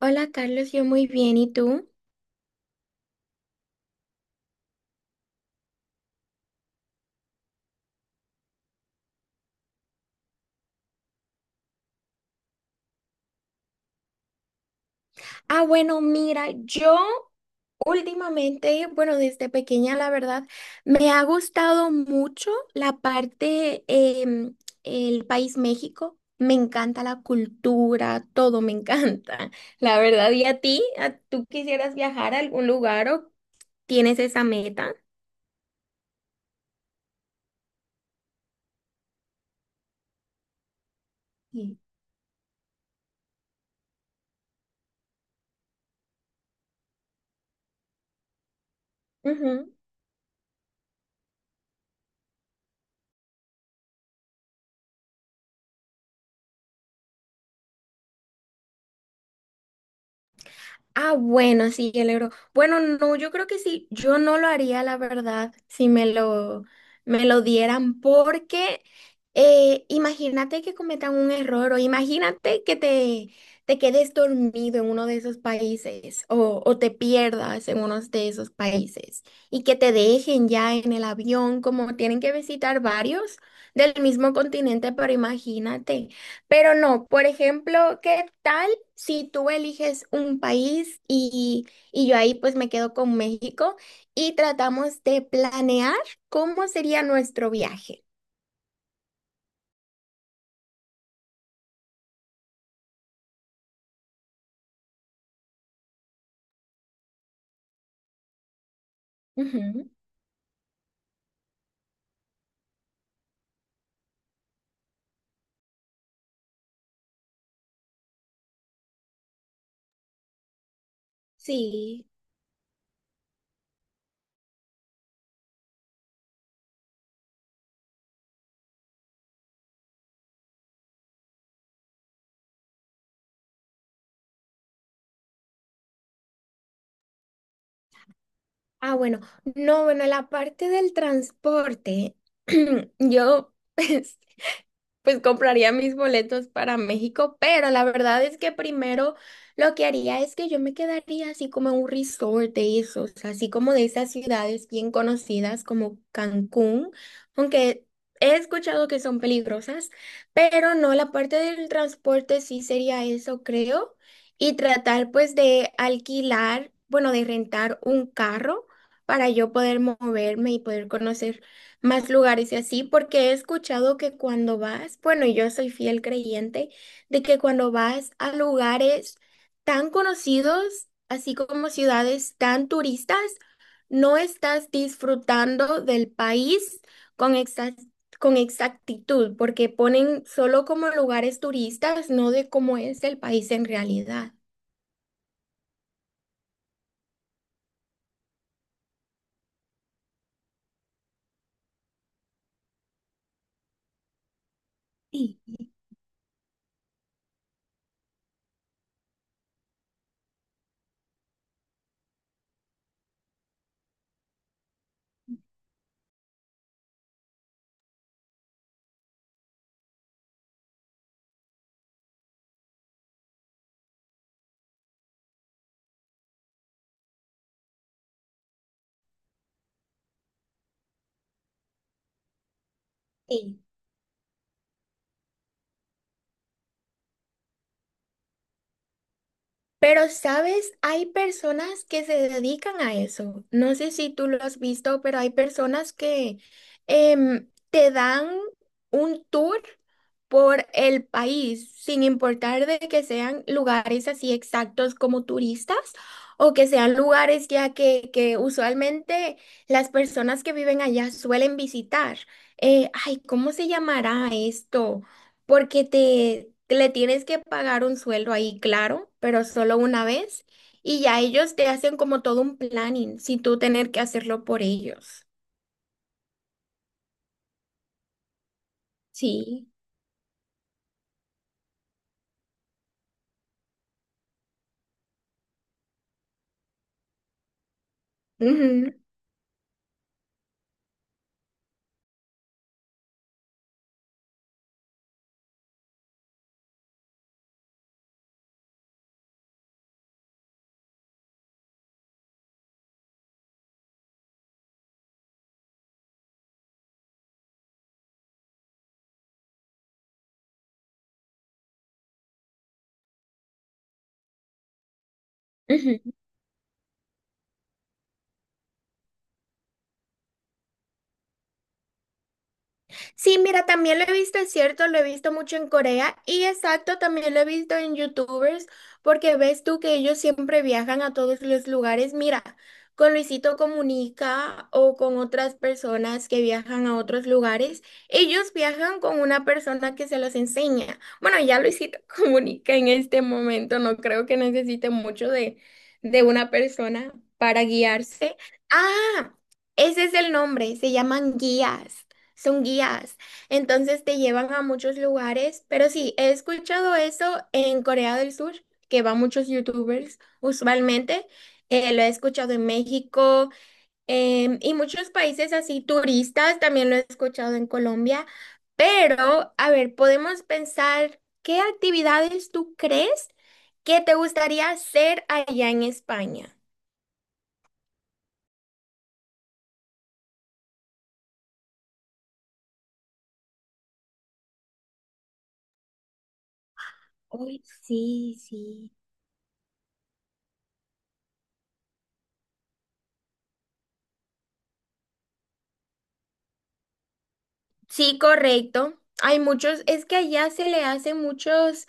Hola Carlos, yo muy bien, ¿y tú? Ah, bueno, mira, yo últimamente, bueno, desde pequeña, la verdad, me ha gustado mucho la parte, em, el país México. Me encanta la cultura, todo me encanta, la verdad. ¿Y a ti? ¿Tú quisieras viajar a algún lugar o tienes esa meta? Sí. Ah, bueno, sí, el euro. Bueno, no, yo creo que sí, yo no lo haría, la verdad, si me lo, me lo dieran, porque imagínate que cometan un error o imagínate te quedes dormido en uno de esos países o te pierdas en uno de esos países y que te dejen ya en el avión, como tienen que visitar varios del mismo continente, pero imagínate. Pero no, por ejemplo, ¿qué tal? Si tú eliges un país y yo ahí pues me quedo con México y tratamos de planear cómo sería nuestro viaje. Ujú. Sí. Ah, bueno, no, bueno, la parte del transporte, yo pues compraría mis boletos para México, pero la verdad es que primero lo que haría es que yo me quedaría así como en un resort de esos, así como de esas ciudades bien conocidas como Cancún, aunque he escuchado que son peligrosas, pero no, la parte del transporte sí sería eso, creo, y tratar pues de alquilar, bueno, de rentar un carro para yo poder moverme y poder conocer más lugares y así, porque he escuchado que cuando vas, bueno, yo soy fiel creyente de que cuando vas a lugares tan conocidos, así como ciudades tan turistas, no estás disfrutando del país con exa- con exactitud, porque ponen solo como lugares turistas, no de cómo es el país en realidad. Sí. Pero, ¿sabes? Hay personas que se dedican a eso. No sé si tú lo has visto, pero hay personas que te dan un tour por el país, sin importar de que sean lugares así exactos como turistas o que sean lugares ya que usualmente las personas que viven allá suelen visitar. Ay, ¿cómo se llamará esto? Porque te le tienes que pagar un sueldo ahí, claro, pero solo una vez y ya ellos te hacen como todo un planning sin tú tener que hacerlo por ellos. Sí. Ujú, ujú. Sí, mira, también lo he visto, es cierto, lo he visto mucho en Corea y exacto, también lo he visto en YouTubers, porque ves tú que ellos siempre viajan a todos los lugares. Mira, con Luisito Comunica o con otras personas que viajan a otros lugares, ellos viajan con una persona que se los enseña. Bueno, ya Luisito Comunica en este momento, no creo que necesite mucho de una persona para guiarse. Ah, ese es el nombre, se llaman guías. Son guías, entonces te llevan a muchos lugares, pero sí, he escuchado eso en Corea del Sur, que van muchos youtubers usualmente, lo he escuchado en México, y muchos países así turistas, también lo he escuchado en Colombia, pero a ver, podemos pensar, ¿qué actividades tú crees que te gustaría hacer allá en España? Uy, sí, sí. Sí, correcto. Hay muchos, es que allá se le hacen muchos,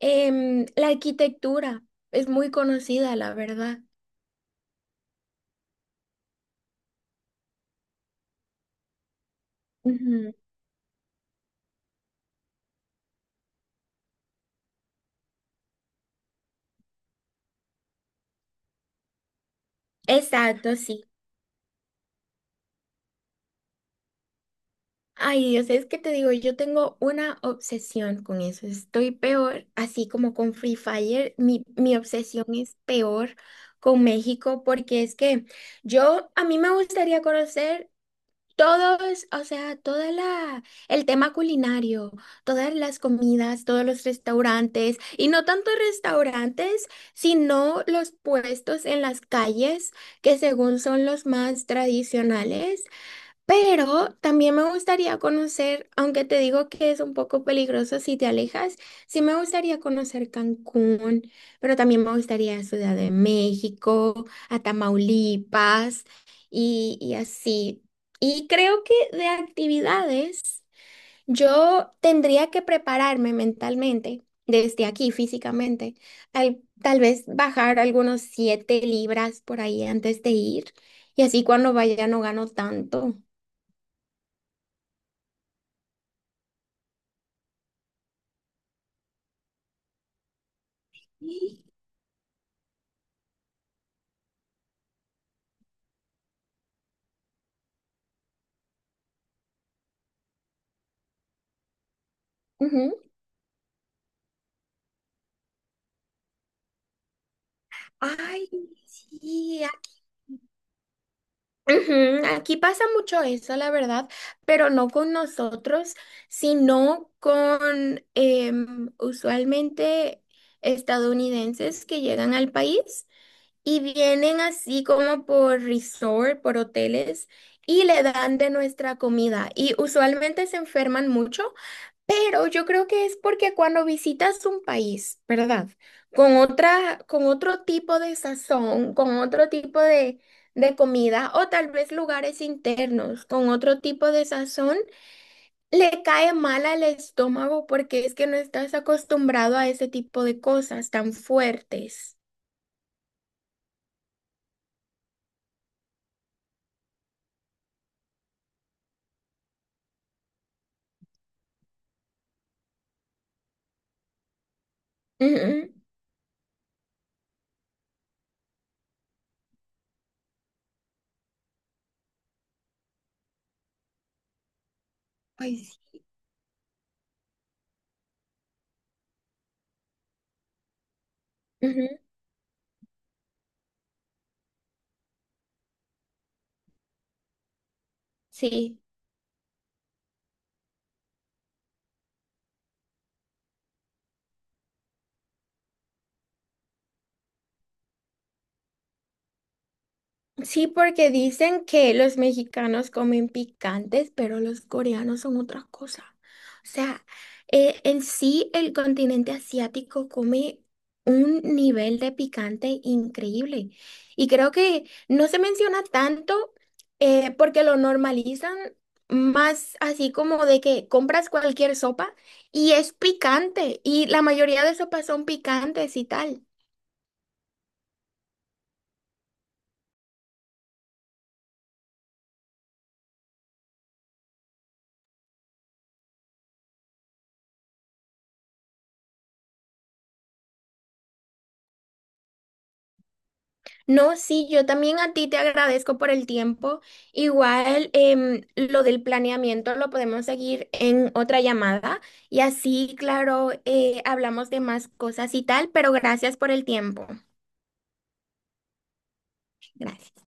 la arquitectura es muy conocida, la verdad. Ujú. Exacto, sí. Ay, Dios, es que te digo, yo tengo una obsesión con eso. Estoy peor, así como con Free Fire, mi obsesión es peor con México, porque es que yo, a mí me gustaría conocer todo. Es, o sea, toda la, el tema culinario, todas las comidas, todos los restaurantes, y no tanto restaurantes, sino los puestos en las calles, que según son los más tradicionales, pero también me gustaría conocer, aunque te digo que es un poco peligroso si te alejas, sí me gustaría conocer Cancún, pero también me gustaría Ciudad de México, a Tamaulipas y así. Y creo que de actividades yo tendría que prepararme mentalmente, desde aquí físicamente, tal vez bajar algunos 7 libras por ahí antes de ir y así cuando vaya no gano tanto. Sí. Ujú. Ay, sí. Ujú. Aquí pasa mucho eso, la verdad, pero no con nosotros, sino con usualmente estadounidenses que llegan al país y vienen así como por resort, por hoteles, y le dan de nuestra comida. Y usualmente se enferman mucho. Pero yo creo que es porque cuando visitas un país, ¿verdad? Con otra, con otro tipo de sazón, con otro tipo de comida, o tal vez lugares internos, con otro tipo de sazón, le cae mal al estómago porque es que no estás acostumbrado a ese tipo de cosas tan fuertes. Ujú. Ay, sí. Ujú. Sí. Sí, porque dicen que los mexicanos comen picantes, pero los coreanos son otra cosa. O sea, en sí el continente asiático come un nivel de picante increíble. Y creo que no se menciona tanto, porque lo normalizan más así como de que compras cualquier sopa y es picante. Y la mayoría de sopas son picantes y tal. No, sí, yo también a ti te agradezco por el tiempo. Igual, lo del planeamiento lo podemos seguir en otra llamada y así, claro, hablamos de más cosas y tal, pero gracias por el tiempo. Gracias.